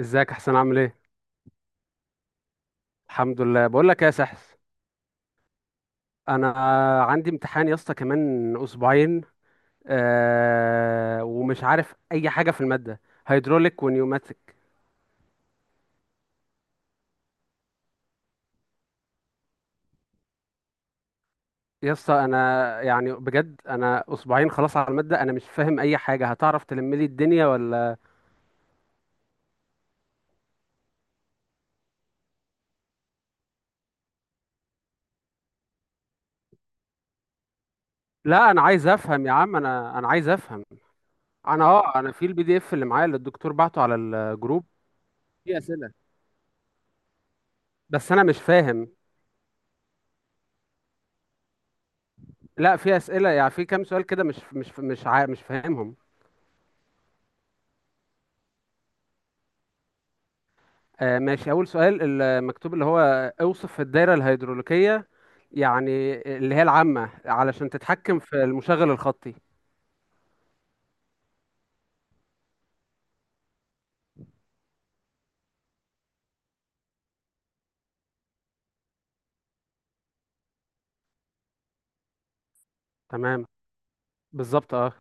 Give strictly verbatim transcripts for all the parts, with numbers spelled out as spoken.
ازيك يا حسين، عامل ايه؟ الحمد لله. بقول لك ايه يا سحس؟ انا عندي امتحان يا اسطى كمان اسبوعين. آه ومش عارف اي حاجه في الماده. هيدروليك ونيوماتيك. يا اسطى انا يعني بجد، انا اسبوعين خلاص على الماده، انا مش فاهم اي حاجه. هتعرف تلم لي الدنيا ولا؟ لا انا عايز افهم يا عم، انا انا عايز افهم. انا اه انا في البي دي اف اللي معايا اللي الدكتور بعته على الجروب. في اسئله بس انا مش فاهم. لا، في اسئله، يعني في كام سؤال كده مش مش مش عا... مش فاهمهم. آه ماشي. أول سؤال المكتوب اللي هو: اوصف الدايرة الهيدروليكية، يعني اللي هي العامة علشان تتحكم في المشغل الخطي. تمام، بالظبط اه.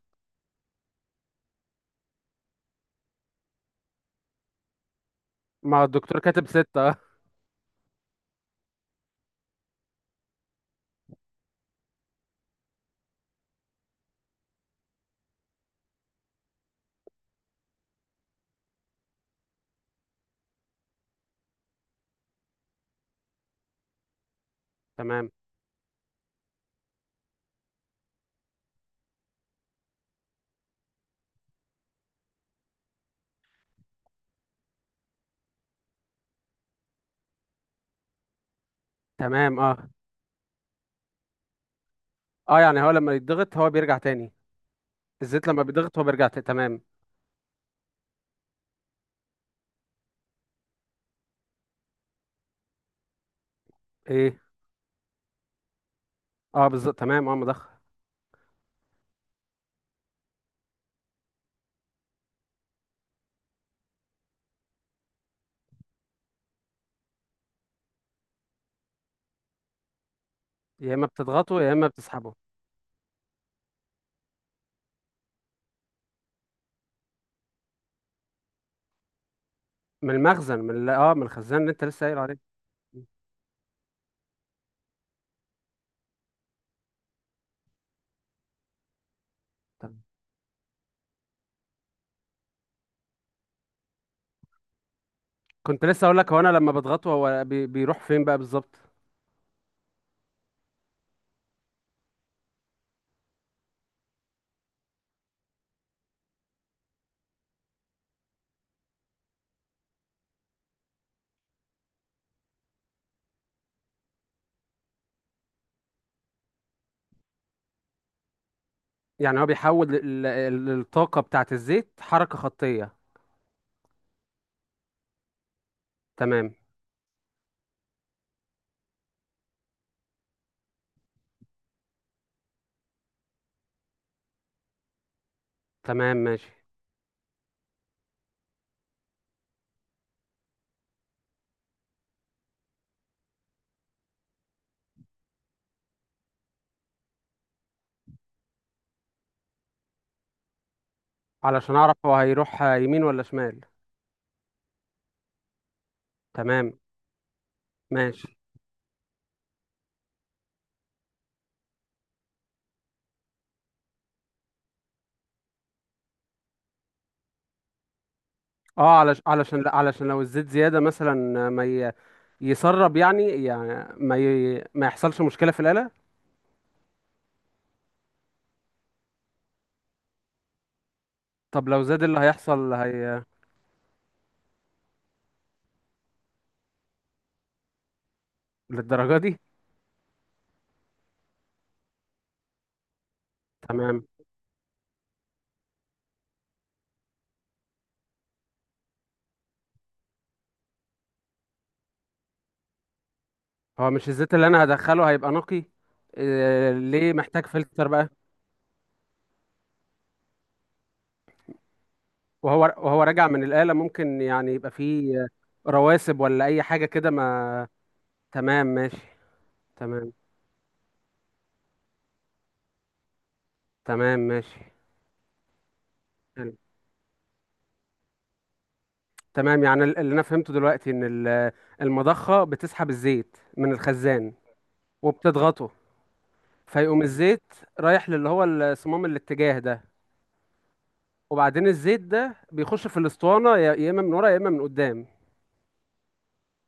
ما هو الدكتور كاتب ستة اه. تمام. تمام، اه اه، يعني هو لما يتضغط هو بيرجع تاني؟ الزيت لما بيتضغط هو بيرجع تاني؟ تمام. ايه؟ اه بالظبط تمام اه، مضخ. يا اما بتضغطه يا اما بتسحبه. من المخزن من ال- اه من الخزان اللي انت لسه قايل عليه. طب كنت لسه اقول لك، هو انا لما بضغطه هو بي... بيروح فين بقى بالظبط؟ يعني هو بيحول ال- ال- الطاقة بتاعت الزيت حركة خطية. تمام. تمام ماشي. علشان أعرف هو هيروح يمين ولا شمال. تمام ماشي. اه، علش علشان، لا، علشان لو الزيت زيادة مثلا ما ي... يسرب، يعني يعني ما ي... ما يحصلش مشكلة في الآلة. طب لو زاد اللي هيحصل هي؟ للدرجة دي؟ تمام. هو مش الزيت اللي أنا هدخله هيبقى نقي؟ إيه... ليه محتاج فلتر بقى؟ وهو وهو راجع من الآلة ممكن يعني يبقى فيه رواسب ولا أي حاجة كده، ما. تمام ماشي. تمام. تمام ماشي. حلو. تمام، يعني ال- اللي أنا فهمته دلوقتي إن ال- المضخة بتسحب الزيت من الخزان وبتضغطه، فيقوم الزيت رايح للي هو الصمام الاتجاه ده، وبعدين الزيت ده بيخش في الأسطوانة يا يا إما من ورا يا إما من قدام.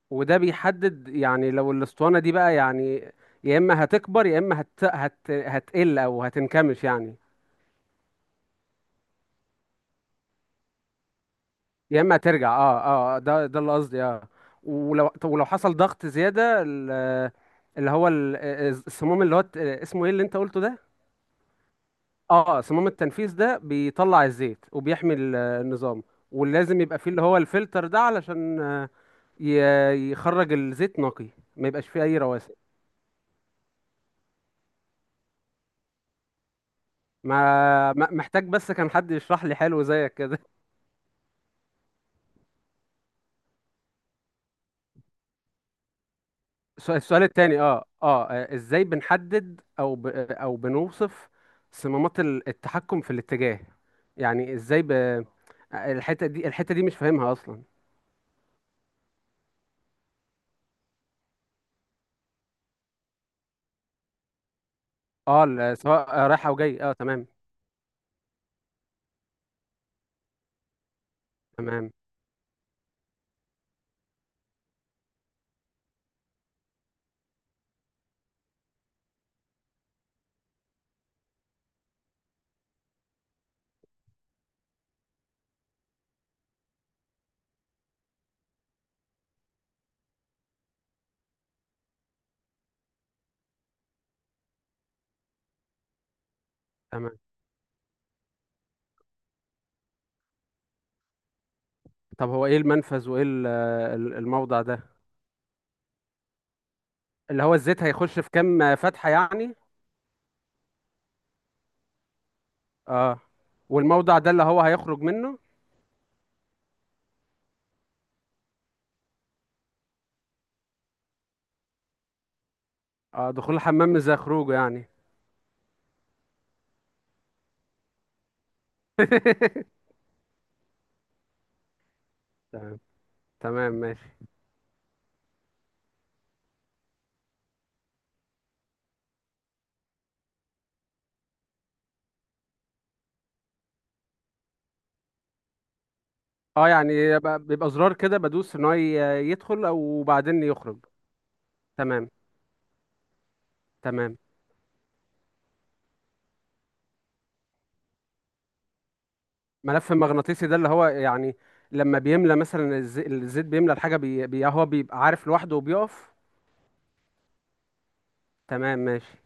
وده بيحدد، يعني لو الأسطوانة دي بقى، يعني يا إما هتكبر يا إما هت... هت... هتقل أو هتنكمش يعني. يا اما ترجع، اه اه، آه، ده ده اللي قصدي اه. ولو، طب ولو حصل ضغط زياده، ال- اللي هو ال- السموم، اللي هو الت- اسمه ايه اللي انت قلته ده؟ اه، سموم التنفيذ ده بيطلع الزيت وبيحمي ال- آه، النظام. ولازم يبقى فيه اللي هو الفلتر ده علشان آه، ي- يخرج الزيت نقي، ما يبقاش فيه اي رواسب. ما ما- محتاج بس كان حد يشرح لي حلو زيك كده. الس- السؤال التاني، اه اه، آه، ازاي بنحدد او ب... او بنوصف صمامات ال- التحكم في الاتجاه؟ يعني ازاي ب... الحتة دي الحتة دي مش فاهمها اصلا. اه، ال- سواء رايح او جاي اه. تمام تمام. تمام. طب هو ايه المنفذ وايه ال- ال- الموضع ده؟ اللي هو الزيت هيخش في كام فتحة يعني. اه. والموضع ده اللي هو هيخرج منه. اه، دخول الحمام زي خروجه يعني. تمام. تمام ماشي. اه يعني ب- بيبقى زرار كده بدوس ان هو ي- يدخل او بعدين يخرج. تمام. تمام. ملف مغناطيسي ده اللي هو يعني لما بيملى مثلا الز- الزيت بيملى الحاجة، بي بي- هو بيبقى عارف لوحده وبيقف. تمام ماشي.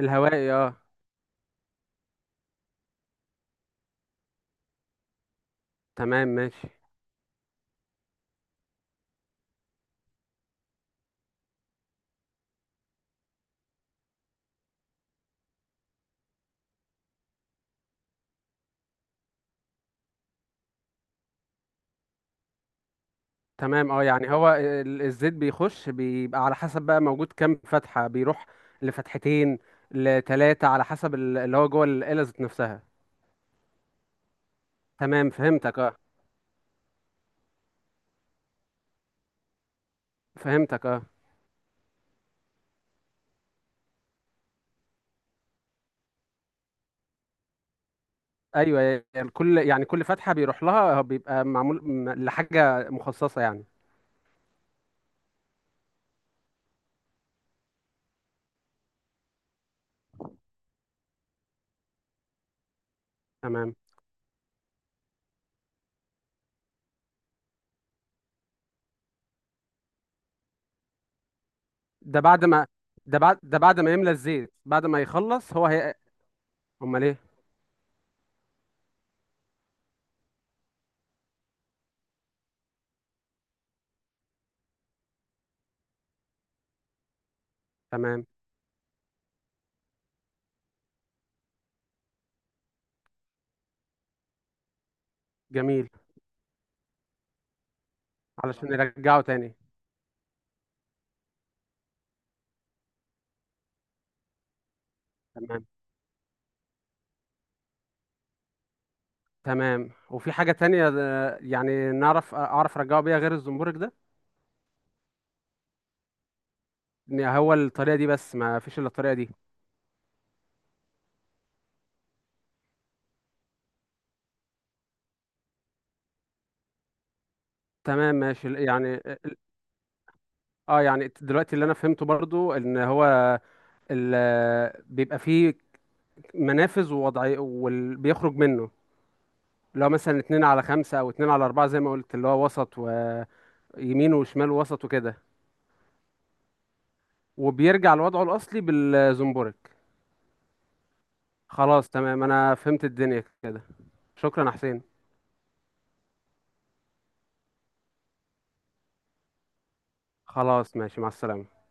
الهوائي اه. تمام ماشي. تمام، اه، يعني هو ال- الزيت بيخش، بيبقى على حسب بقى موجود كام فتحة، بيروح لفتحتين لتلاتة على حسب ال- اللي هو جوه الآلة ذات نفسها. تمام فهمتك اه. فهمتك اه. ايوه، يعني كل يعني كل فتحه بيروح لها بيبقى معمول م- لحاجه مخصصه يعني. تمام. ده بعد ما ده بعد ده بعد ما يملى الزيت بعد ما يخلص هو هي. امال ايه؟ تمام. جميل. علشان يرجعه تاني. تمام. تمام، وفي حاجه تانية، آه، يعني نعرف، آه، اعرف ارجعه بيها غير الزنبرك ده؟ إن هو الطريقه دي بس، ما فيش الا الطريقه دي؟ تمام ماشي. ال- يعني اه يعني دلوقتي اللي انا فهمته برضو ان هو ال- آه، بيبقى فيه منافذ ووضعي وبيخرج منه، اللي هو مثلا اتنين على خمسة أو اتنين على أربعة زي ما قلت، اللي هو وسط ويمين وشمال ووسط وكده، وبيرجع لوضعه الأصلي بالزومبورك. خلاص تمام أنا فهمت الدنيا كده. شكرا يا حسين. خلاص ماشي، مع السلامة.